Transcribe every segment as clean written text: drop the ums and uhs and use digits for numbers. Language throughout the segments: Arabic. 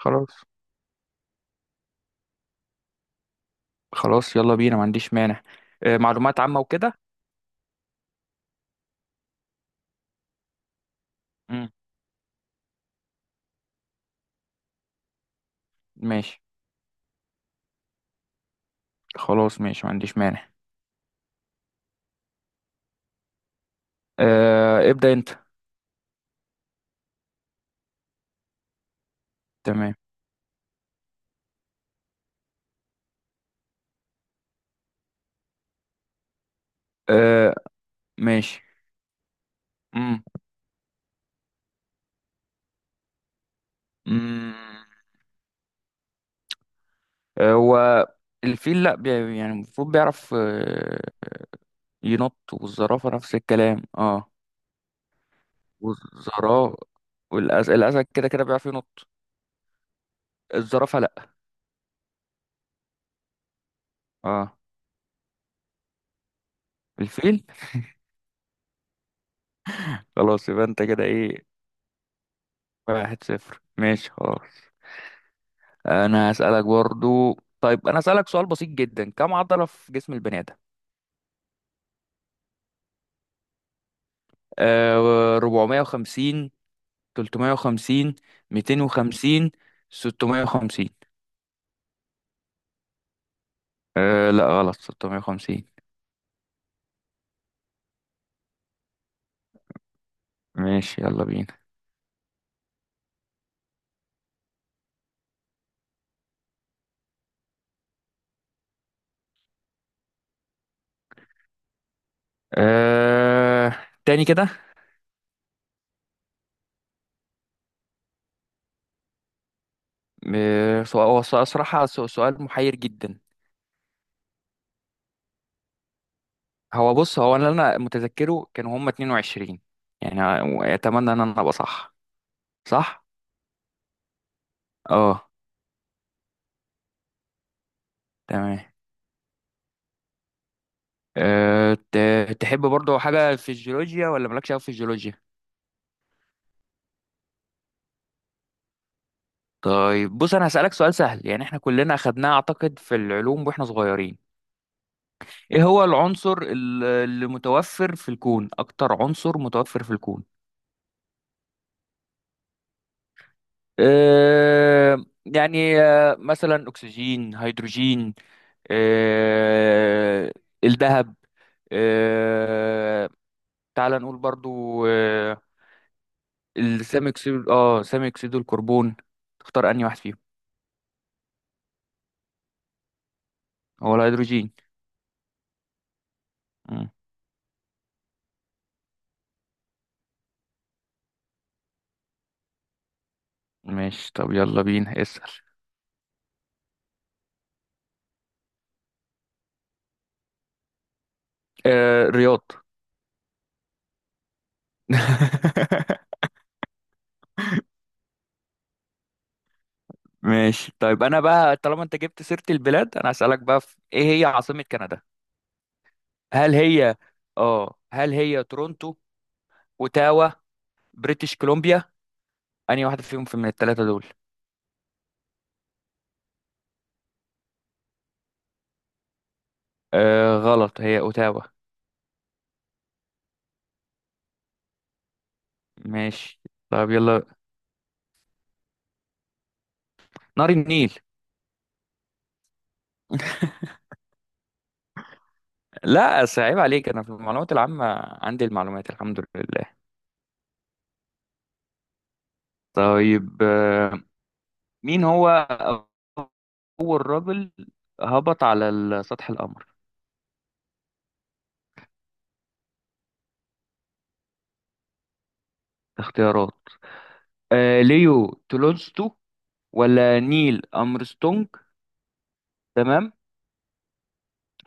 خلاص خلاص، يلا بينا، ما عنديش مانع. معلومات عامة وكده. مم. ماشي، خلاص ماشي، ما عنديش مانع. ابدأ انت. تمام. آه، ماشي. مم. مم. هو الفيل لا، يعني المفروض بيعرف ينط. والزرافة نفس الكلام، اه. والزرافة، والأسد، الأسد كده كده بيعرف ينط. الزرافة، لا. اه، الفيل. خلاص، يبقى انت كده ايه؟ 1-0، ماشي خلاص. انا هسألك برضو، طيب انا هسألك سؤال بسيط جدا، كم عضلة في جسم البني آدم؟ 450، 350، 250، 650. لا غلط، 650. ماشي، يلا بينا. آه تاني كده. سؤال، صراحة، سؤال محير جدا. هو بص، هو انا اللي انا متذكره كانوا هما 22 يعني. اتمنى ان انا ابقى صح. صح. اه، تمام. تحب برضو حاجة في الجيولوجيا، ولا مالكش أوي في الجيولوجيا؟ طيب بص، أنا هسألك سؤال سهل، يعني احنا كلنا أخدناه أعتقد في العلوم وإحنا صغيرين. إيه هو العنصر اللي متوفر في الكون؟ أكتر عنصر متوفر في الكون؟ يعني، مثلا أكسجين، هيدروجين. أه الذهب. أه تعال نقول برضو، السامي أكسيد، سامي أكسيد الكربون. تختار أنهي واحد فيهم؟ هو الهيدروجين. مم. ماشي، طب يلا بينا اسأل. رياض. ماشي، طيب انا بقى طالما انت جبت سيرة البلاد، انا هسألك بقى، في ايه هي عاصمة كندا؟ هل هي، اه هل هي تورونتو، اوتاوا، بريتش كولومبيا؟ انهي واحدة فيهم، في من الثلاثة دول؟ غلط، هي اوتاوا. ماشي، طب يلا، نهر النيل. لا، أصل عيب عليك، انا في المعلومات العامة عندي المعلومات الحمد لله. طيب، مين هو أول راجل هبط على سطح القمر؟ اختيارات. ليو تولستو، ولا نيل أرمسترونج، تمام،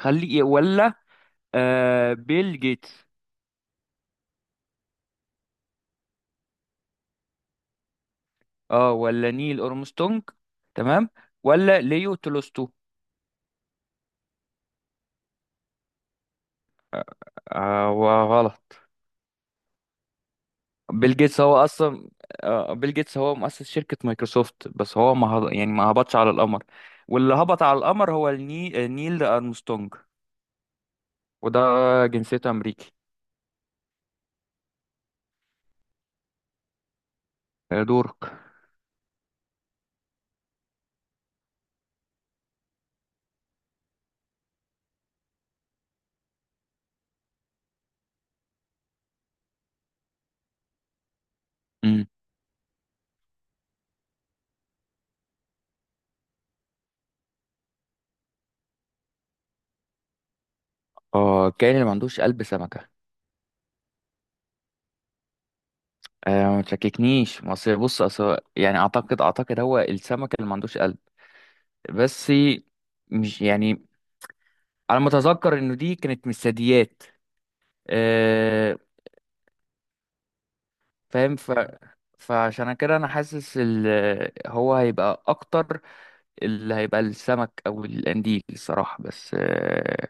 خلي ولا بيل جيتس. اه ولا نيل أرمسترونج، تمام، ولا ليو تولستو. وغلط. بيل جيتس هو أصلا، بيل جيتس هو مؤسس شركة مايكروسوفت، بس هو ما هب... يعني ما هبطش على القمر. واللي هبط على القمر هو الني... آه، نيل أرمسترونج. وده جنسيته أمريكي. دورك. اه كاين اللي ما عندوش قلب، سمكة. ما تشككنيش، مصر بص أصل يعني اعتقد هو السمكة اللي ما عندوش قلب. بس مش يعني، على ما اتذكر انه دي كانت من الثدييات. آه فاهم، فعشان كده انا حاسس هو هيبقى اكتر. اللي هيبقى السمك او القنديل، الصراحة بس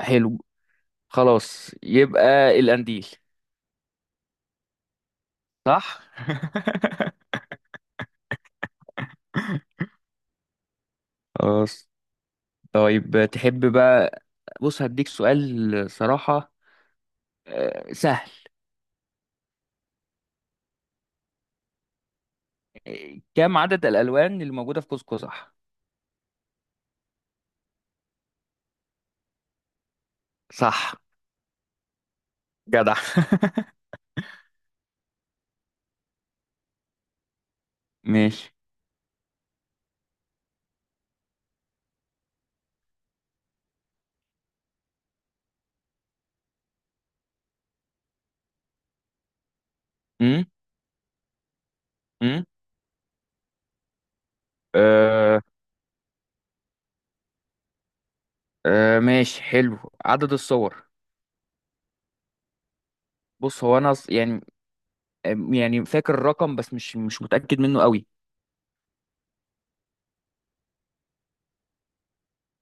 حلو. خلاص، يبقى القنديل. صح. خلاص، طيب تحب بقى، بص هديك سؤال، صراحة سهل. كم عدد الألوان اللي موجودة في قوس قزح؟ صح. جدع. ماشي. امم امم آه ماشي حلو، عدد الصور. بص هو انا يعني، يعني فاكر الرقم، بس مش متأكد منه قوي.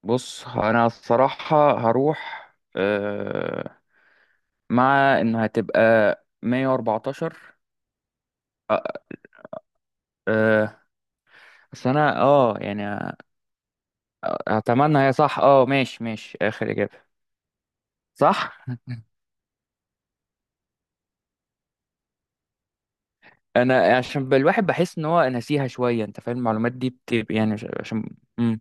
بص انا الصراحة هروح، آه مع انها هتبقى 114. آه بس انا، يعني اتمنى هي صح. اه، ماشي ماشي، اخر اجابه. صح. انا عشان الواحد بحس ان هو ناسيها شويه، انت فاهم المعلومات دي بتبقى يعني عشان.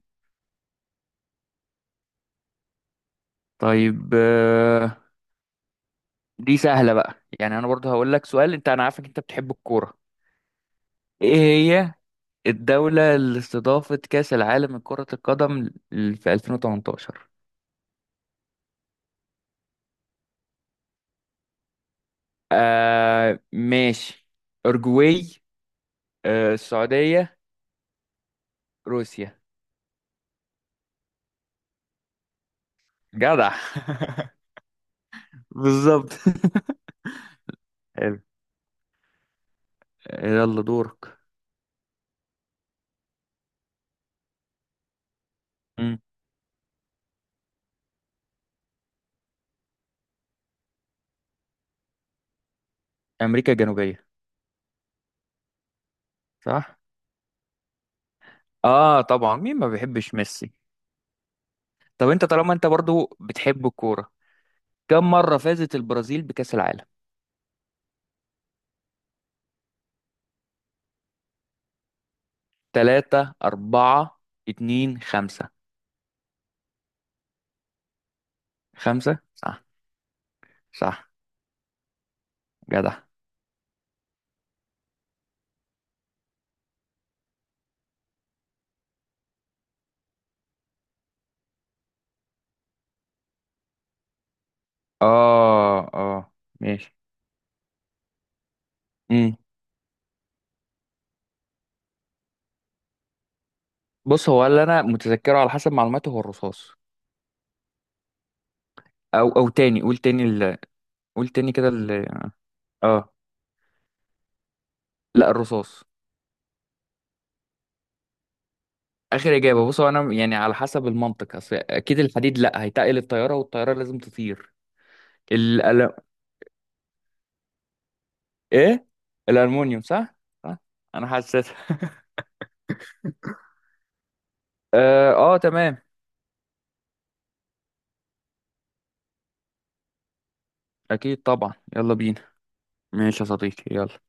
طيب، دي سهله بقى. يعني انا برضو هقول لك سؤال، انت انا عارفك انت بتحب الكوره. ايه هي الدوله اللي استضافت كاس العالم لكره القدم في 2018؟ ماشي، اورجواي، السعوديه، روسيا. جدع. بالظبط. يلا دورك. مم. امريكا الجنوبيه. صح. اه، طبعا، مين ما بيحبش ميسي؟ طب انت، طالما انت برضو بتحب الكوره، كم مره فازت البرازيل بكاس العالم؟ ثلاثة، أربعة، اتنين، خمسة. خمسة صح. صح. جدع. اه اه ماشي. امم بص هو اللي انا متذكره على حسب معلوماتي هو الرصاص. او تاني، قول تاني قول تاني كده اه لا، الرصاص. اخر اجابه. بصوا انا يعني على حسب المنطق، اصل اكيد الحديد لا، هيتقل الطياره، والطياره لازم تطير. الأل... ايه، الالمونيوم، صح؟ صح؟ انا حسيت. تمام. اكيد طبعا، يلا بينا. ماشي يا صديقي، يلا.